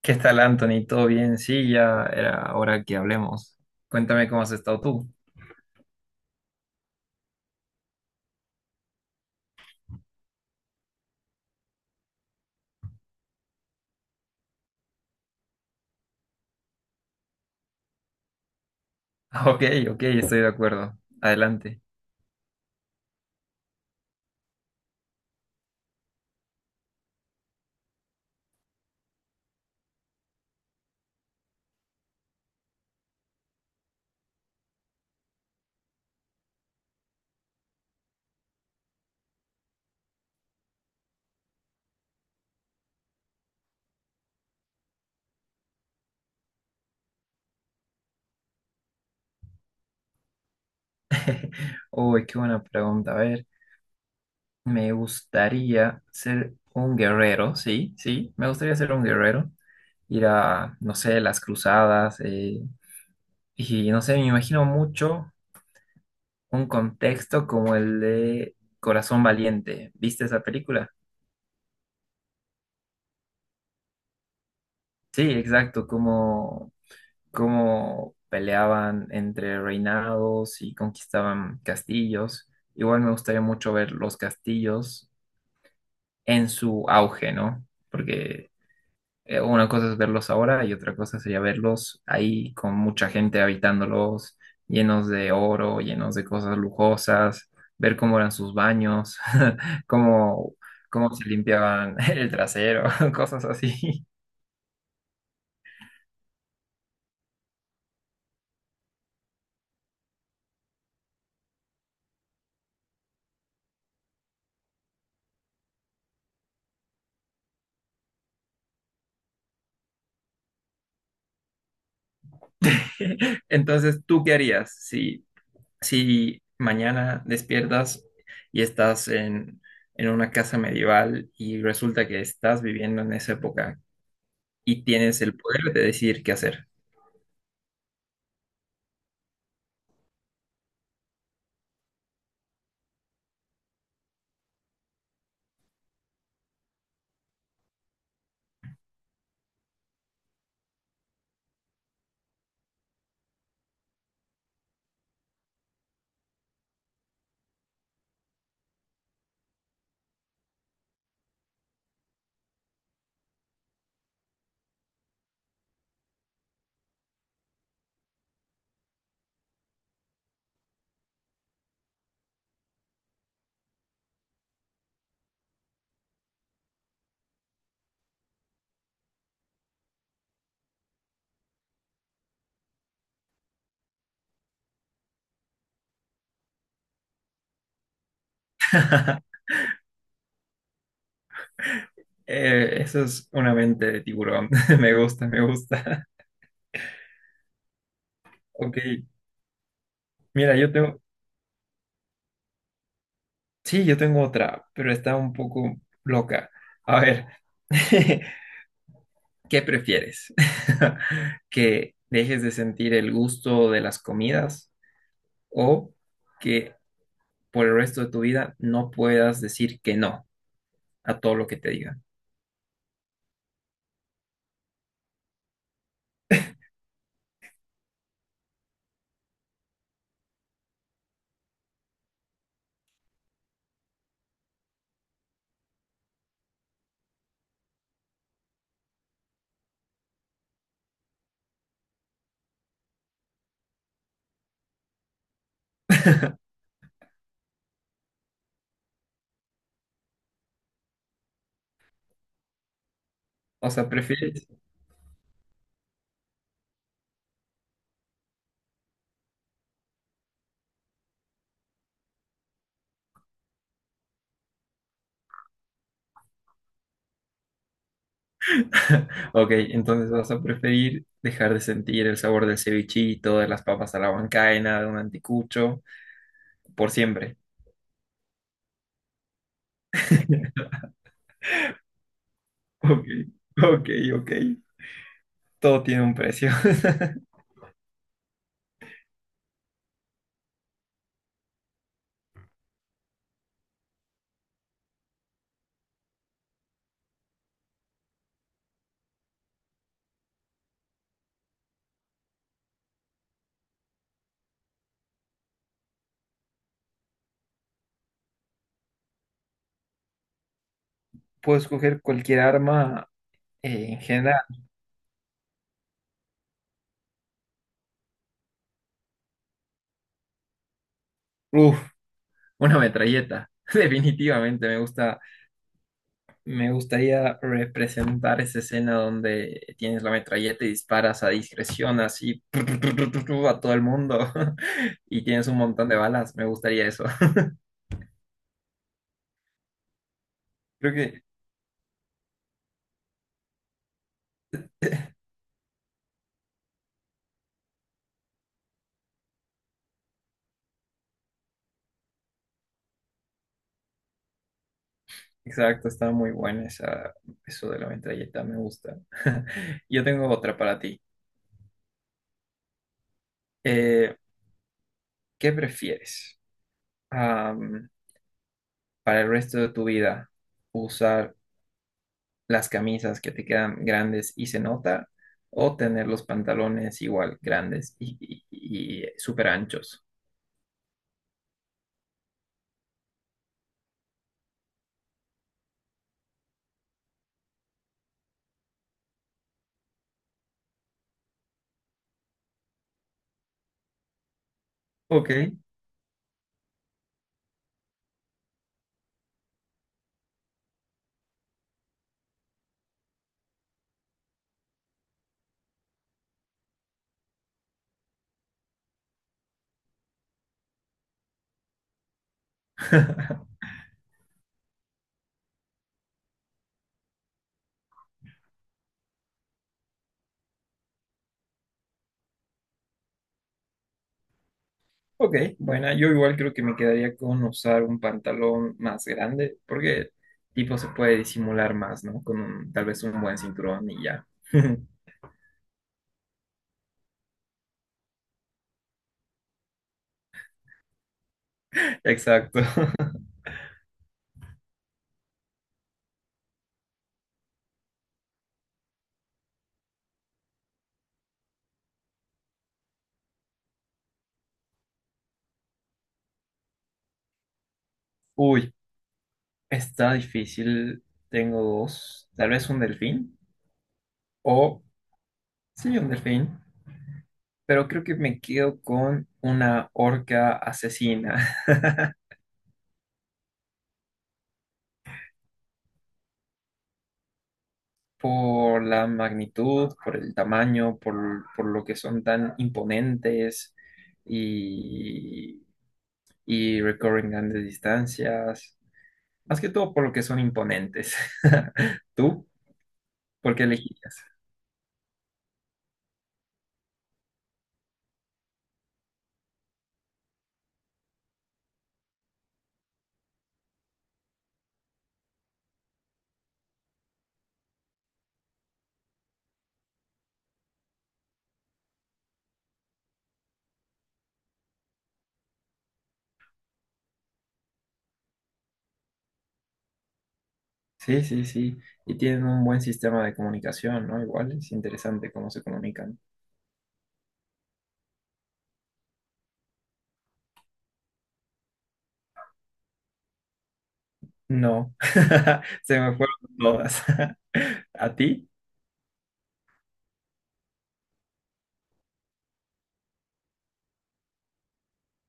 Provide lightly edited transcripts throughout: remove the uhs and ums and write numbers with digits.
¿Qué tal, Anthony? ¿Todo bien? Sí, ya era hora que hablemos. Cuéntame cómo has estado tú. Ok, ok, estoy de acuerdo. Adelante. Uy, qué buena pregunta. A ver, me gustaría ser un guerrero, sí, sí, me gustaría ser un guerrero. Ir a, no sé, las cruzadas. Y no sé, me imagino mucho un contexto como el de Corazón Valiente. ¿Viste esa película? Sí, exacto, como cómo peleaban entre reinados y conquistaban castillos. Igual me gustaría mucho ver los castillos en su auge, ¿no? Porque una cosa es verlos ahora y otra cosa sería verlos ahí con mucha gente habitándolos, llenos de oro, llenos de cosas lujosas, ver cómo eran sus baños, cómo, cómo se limpiaban el trasero, cosas así. Entonces, ¿tú qué harías si mañana despiertas y estás en una casa medieval y resulta que estás viviendo en esa época y tienes el poder de decidir qué hacer? Eso es una mente de tiburón. Me gusta, me gusta. Ok, mira, yo tengo, sí, yo tengo otra, pero está un poco loca. A ver, ¿qué prefieres? ¿Que dejes de sentir el gusto de las comidas o que por el resto de tu vida no puedas decir que no a todo lo que te digan? O sea, prefieres. Ok, entonces vas a preferir dejar de sentir el sabor del cevichito, de las papas a la huancaina, de un anticucho, por siempre. Ok, ok, ok. Todo tiene un precio. Puedo escoger cualquier arma en general. Uf, una metralleta. Definitivamente me gusta. Me gustaría representar esa escena donde tienes la metralleta y disparas a discreción, así a todo el mundo y tienes un montón de balas. Me gustaría eso. Creo que, exacto, está muy buena esa, eso de la metralleta, me gusta. Yo tengo otra para ti. Eh, ¿Qué prefieres? Am, para el resto de tu vida, usar las camisas que te quedan grandes y se nota, o tener los pantalones igual grandes y súper anchos. Ok. Ok, bueno, yo igual creo que me quedaría con usar un pantalón más grande, porque tipo se puede disimular más, ¿no? Con un- tal vez un buen cinturón y ya. Exacto. Uy, está difícil. Tengo dos. Tal vez un delfín. O, sí, un delfín, pero creo que me quedo con una orca asesina por la magnitud, por el tamaño, por lo que son tan imponentes y, y recorren grandes distancias, más que todo por lo que son imponentes. ¿Tú? ¿Por qué elegirías? Sí, sí, sí. Y tienen un buen sistema de comunicación, ¿no? Igual es interesante cómo se comunican. No, se me fueron todas. ¿A ti?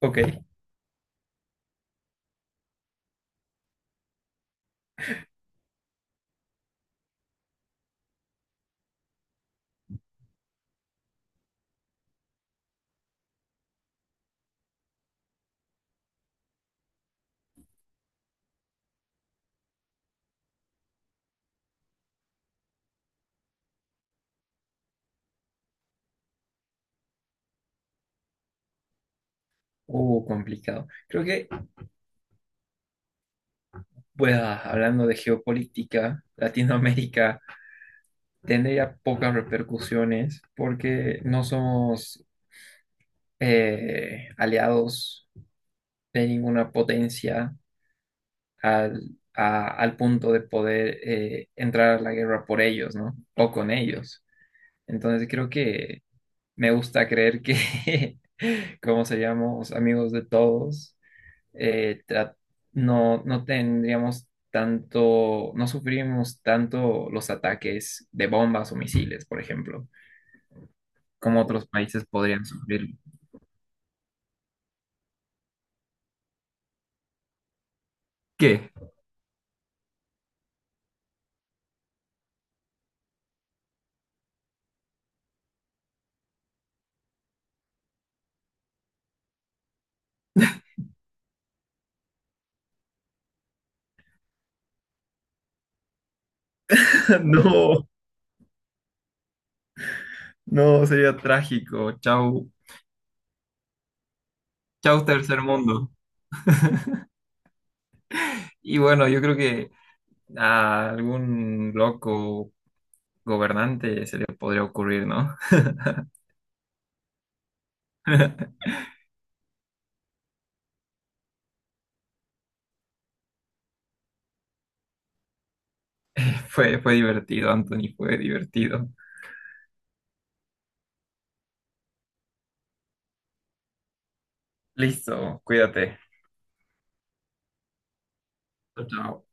Ok. Complicado. Creo que, pues, ah, hablando de geopolítica, Latinoamérica tendría pocas repercusiones porque no somos aliados de ninguna potencia al, a- al punto de poder entrar a la guerra por ellos, ¿no? O con ellos. Entonces, creo que me gusta creer que, como seríamos amigos de todos, tra- no, no tendríamos tanto, no sufrimos tanto los ataques de bombas o misiles, por ejemplo, como otros países podrían sufrir. ¿Qué? No, no, sería trágico. Chau, chau, tercer mundo. Y bueno, yo creo que a algún loco gobernante se le podría ocurrir, ¿no? Fue, fue divertido, Anthony, fue divertido. Listo, cuídate. Chao, chao.